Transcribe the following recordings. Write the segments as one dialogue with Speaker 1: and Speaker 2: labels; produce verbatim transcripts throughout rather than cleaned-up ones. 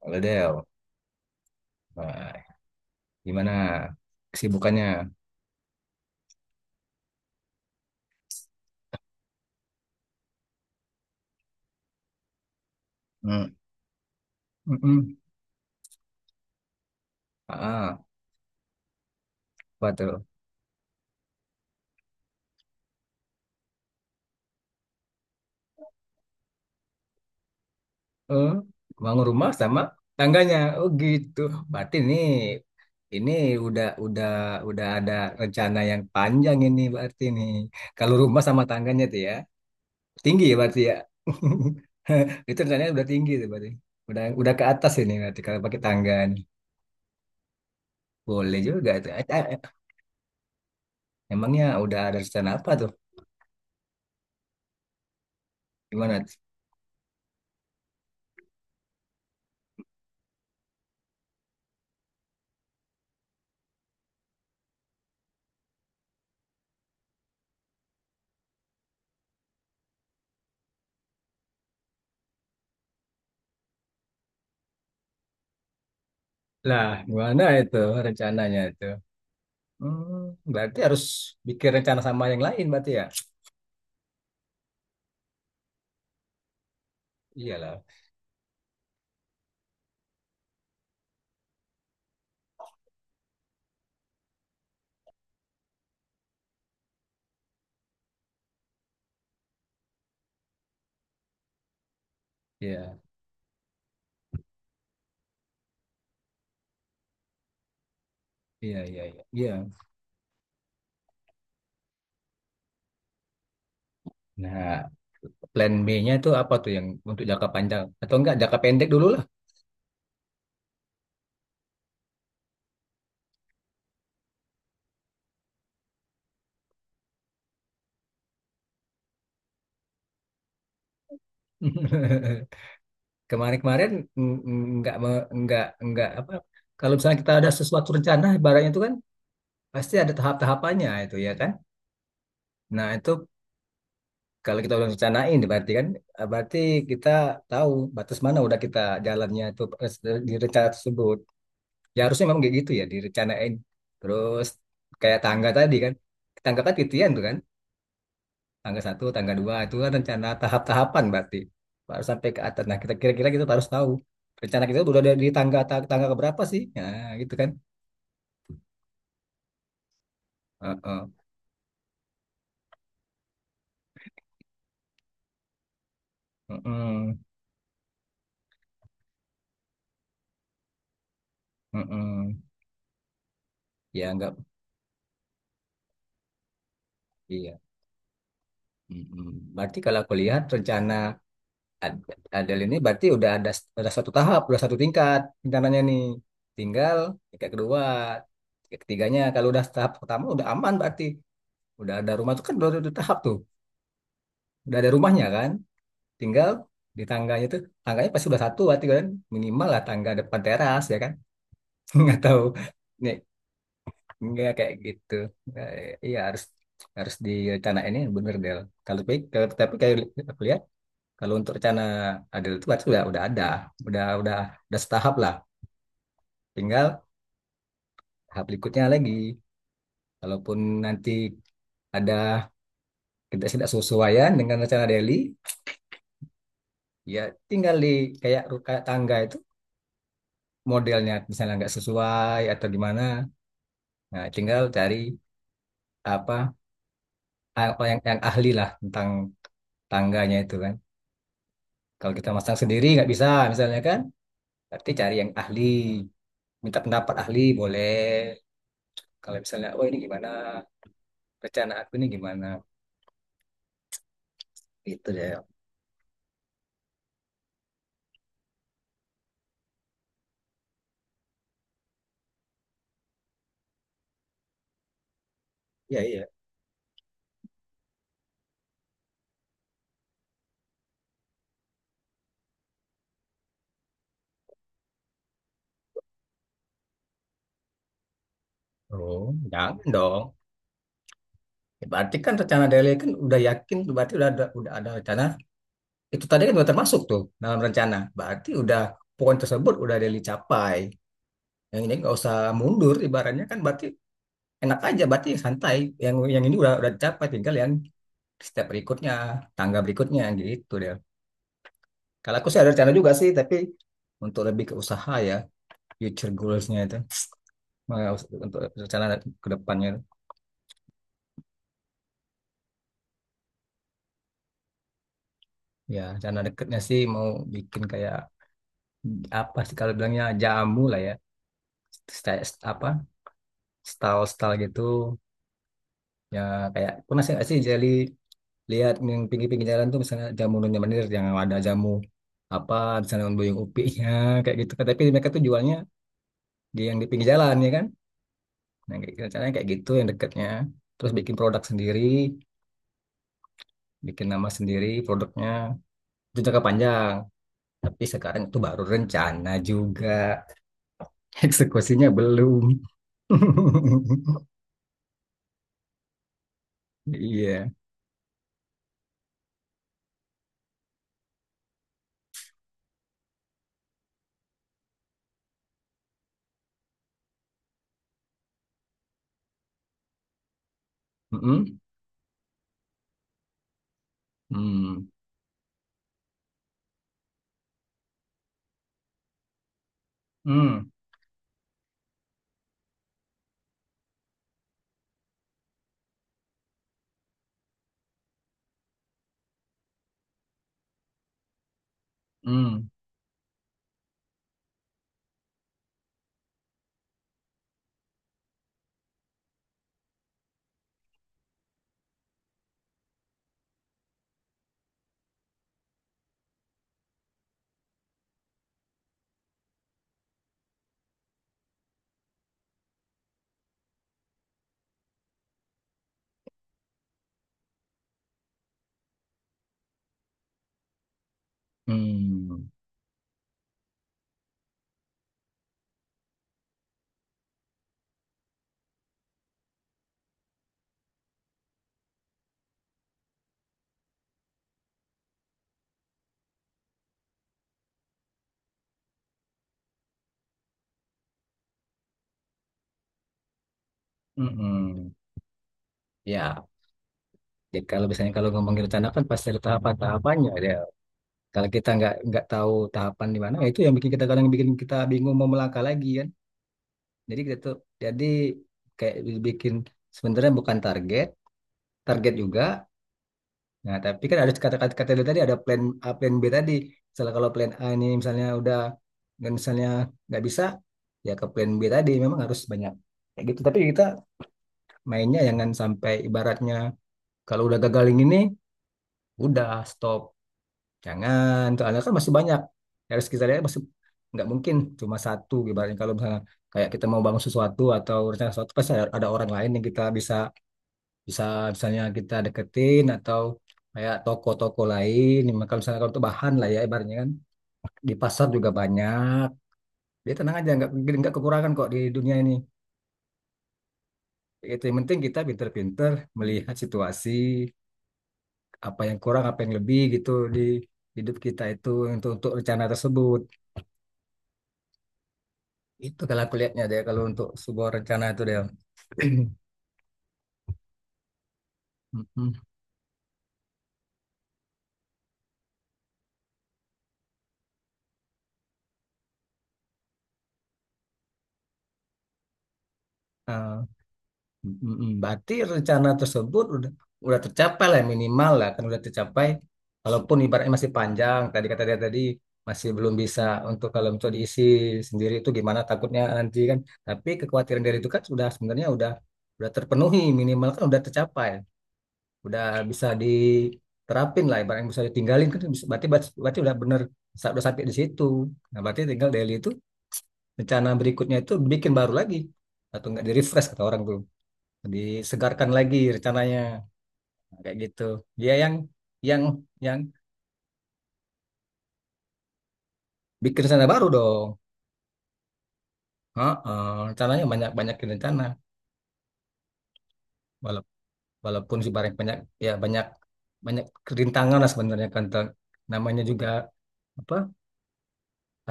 Speaker 1: Halo Del. Nah, gimana kesibukannya? Hmm. Mm-mm. Ah, apa tuh? Eh, bangun rumah sama tangganya. Oh gitu. Berarti ini ini udah udah udah ada rencana yang panjang ini berarti nih. Kalau rumah sama tangganya tuh ya tinggi ya berarti ya. Itu rencananya udah tinggi tuh berarti. Udah udah ke atas ini berarti kalau pakai tangga nih. Boleh juga tuh. Eh, eh, eh. Emangnya udah ada rencana apa tuh? Gimana? Lah, gimana itu rencananya itu? Hmm, berarti harus bikin rencana sama yang lain berarti ya? Iyalah. Iya, iya, iya, iya. Iya. Nah, plan B-nya itu apa tuh yang untuk jangka panjang atau enggak jangka pendek dulu lah. Kemarin-kemarin mm, mm, enggak me- enggak enggak apa kalau misalnya kita ada sesuatu rencana ibaratnya itu kan pasti ada tahap-tahapannya itu ya kan? Nah, itu kalau kita udah rencanain berarti kan eh, berarti kita tahu batas mana udah kita jalannya itu eh, di rencana tersebut. Ya harusnya memang kayak gitu ya direncanain. Terus kayak tangga tadi kan. Tangga kan titian tuh kan. Tangga satu, tangga dua itu kan rencana tahap-tahapan berarti. Baru sampai ke atas. Nah, kita kira-kira kita harus tahu rencana kita udah ada di tangga ta- tangga keberapa sih? Nah, gitu kan. Heeh. Heeh. Heeh. Ya enggak iya. Mm-mm. Berarti kalau aku lihat rencana Ad- Adele ini berarti udah ada ada satu tahap, udah satu tingkat rencananya nih. Tinggal tingkat kedua, tingkat ketiganya. Kalau udah tahap pertama udah aman berarti. Udah ada rumah tuh kan udah ada tahap tuh. Udah ada rumahnya kan. Tinggal di tangganya tuh, tangganya pasti udah satu berarti kan. Minimal lah tangga depan teras ya kan. Nggak tahu. Nih, nggak kayak gitu. Nah, iya harus harus direncanain ini bener Del. Kalau tapi kalau- tapi kayak aku lihat, kalau untuk rencana adil itu berarti udah, udah ada, udah udah udah setahap lah. Tinggal tahap berikutnya lagi. Kalaupun nanti ada ketidaksesuaian dengan rencana Delhi, ya tinggal di kayak ru- kayak tangga itu modelnya misalnya nggak sesuai atau gimana. Nah, tinggal cari apa apa yang yang ahli lah tentang tangganya itu kan. Kalau kita masang sendiri nggak bisa misalnya kan, berarti cari yang ahli, minta pendapat ahli boleh. Kalau misalnya, oh ini gimana? Rencana aku ini gimana gitu deh ya iya. Oh, jangan dong. Ya, berarti kan rencana Dele kan udah yakin, berarti udah ada, udah ada rencana. Itu tadi kan udah termasuk tuh dalam rencana. Berarti udah poin tersebut udah Dele capai. Yang ini nggak usah mundur, ibaratnya kan berarti enak aja, berarti santai. Yang yang ini udah udah capai, tinggal yang step berikutnya, tangga berikutnya gitu deh. Kalau aku sih ada rencana juga sih, tapi untuk lebih ke usaha ya, future goals-nya itu, Mau- untuk rencana ke depannya. Ya, sana deketnya sih mau bikin kayak apa sih kalau bilangnya jamu lah ya. Sta- st- apa? Style-style gitu. Ya kayak pernah sih nggak sih jadi lihat yang pinggir-pinggir jalan tuh misalnya jamu Nyonya Menir yang ada jamu apa di sana buyung upinya kayak gitu kan. Tapi mereka tuh jualnya di yang di pinggir jalan ya kan. Nah, kayak gitu, caranya kayak gitu yang dekatnya. Terus bikin produk sendiri, bikin nama sendiri produknya. Itu jangka panjang. Tapi sekarang itu baru rencana juga. Eksekusinya belum. Iya. Mm-mm. Mm. Mm. Mm. Mm. Mm-mm. Ya, jadi kalau biasanya kalau ngomongin rencana kan pasti ada tahapan-tahapannya ya. Kalau kita nggak nggak tahu tahapan di mana, ya itu yang bikin kita kadang bikin kita bingung mau melangkah lagi kan. Jadi kita tuh jadi kayak bikin sebenarnya bukan target, target juga. Nah, tapi kan ada kata kata, kata dia tadi ada plan A, plan B tadi. Misalnya kalau plan A ini misalnya udah dan misalnya nggak bisa, ya ke plan B tadi memang harus banyak kayak gitu. Tapi kita mainnya jangan sampai ibaratnya kalau udah gagal yang ini, udah stop. Jangan, soalnya kan masih banyak. Ya, harus kita lihat masih nggak mungkin cuma satu ibaratnya kalau misalnya kayak kita mau bangun sesuatu atau rencana sesuatu pasti ada, ada orang lain yang kita bisa bisa misalnya kita deketin atau kayak toko-toko lain maka misalnya kalau untuk bahan lah ya ibaratnya kan di pasar juga banyak dia tenang aja nggak nggak kekurangan kok di dunia ini itu yang penting kita pinter-pinter melihat situasi apa yang kurang apa yang lebih gitu di hidup kita itu untuk untuk rencana tersebut itu kalau aku lihatnya deh kalau untuk sebuah rencana itu deh. Mm-mm. Mm-mm. Berarti rencana tersebut udah udah tercapai lah ya, minimal lah kan udah tercapai. Walaupun ibaratnya masih panjang, tadi kata dia tadi masih belum bisa untuk kalau misalnya diisi sendiri itu gimana takutnya nanti kan. Tapi kekhawatiran dari itu kan sudah sebenarnya udah udah terpenuhi minimal kan udah tercapai, udah bisa diterapin lah ibaratnya bisa ditinggalin kan bisa- berarti berarti udah bener sa- udah sampai di situ. Nah berarti tinggal daily itu rencana berikutnya itu bikin baru lagi atau enggak di refresh kata orang dulu disegarkan lagi rencananya. Nah, kayak gitu dia yang yang yang bikin rencana baru dong. Heeh, rencananya banyak banyak rencana. Wala- walaupun sih banyak banyak ya banyak banyak kerintangan lah sebenarnya kan. Ter- namanya juga apa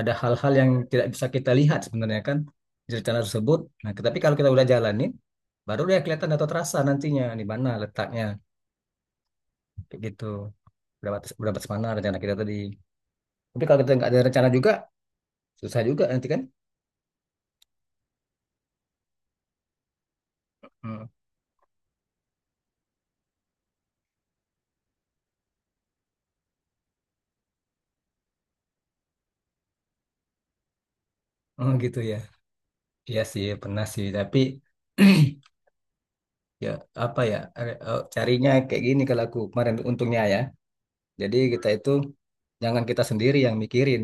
Speaker 1: ada hal-hal yang tidak bisa kita lihat sebenarnya kan di rencana tersebut nah ke- tapi kalau kita udah jalanin baru dia kelihatan atau terasa nantinya di mana letaknya kayak gitu berapa berapa mana rencana kita tadi tapi kalau kita nggak ada rencana juga susah juga nanti kan. Hmm. Oh gitu ya. Iya sih pernah sih tapi ya apa ya are- eh, carinya kayak gini kalau aku kemarin untungnya ya. Jadi kita itu jangan kita sendiri yang mikirin.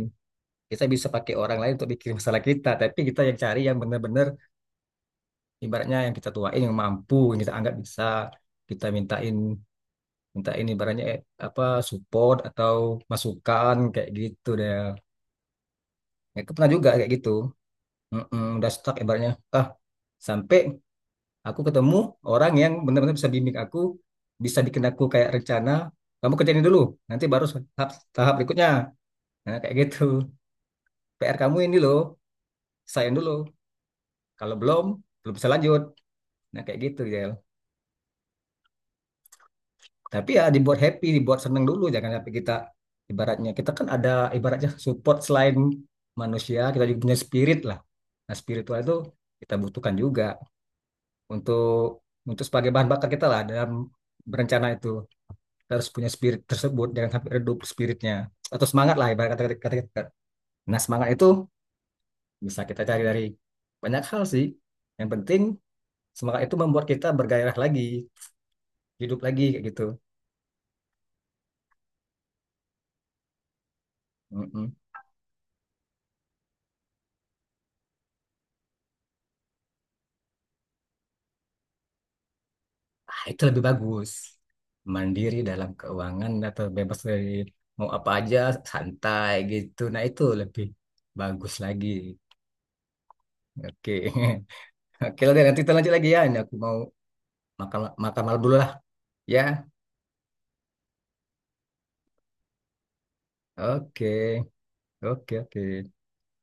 Speaker 1: Kita bisa pakai orang lain untuk mikirin masalah kita, tapi kita yang cari yang benar-benar ibaratnya yang kita tuain yang mampu, yang kita anggap bisa kita mintain mintain ibaratnya eh, apa support atau masukan kayak gitu deh. Ya, aku pernah juga kayak gitu. Mm-mm, udah stuck ibaratnya. Ah, sampai aku ketemu orang yang benar-benar bisa bimbing aku bisa bikin aku kayak rencana kamu kerjain ini dulu nanti baru tahap tahap berikutnya nah kayak gitu P R kamu ini loh selesaiin dulu kalau belum belum bisa lanjut nah kayak gitu ya tapi ya dibuat happy dibuat seneng dulu jangan sampai kita ibaratnya kita kan ada ibaratnya support selain manusia kita juga punya spirit lah nah spiritual itu kita butuhkan juga untuk untuk sebagai bahan bakar kita lah dalam berencana itu harus punya spirit tersebut jangan sampai redup spiritnya atau semangat lah ibarat kata kata kita nah semangat itu bisa kita cari dari banyak hal sih yang penting semangat itu membuat kita bergairah lagi hidup lagi kayak gitu. Mm-mm. Ah, itu lebih bagus mandiri dalam keuangan atau bebas dari mau apa aja santai gitu nah itu lebih bagus lagi. Oke. Oke lah nanti kita lanjut lagi ya ini aku mau makan makan malam dulu lah ya. Oke oke oke.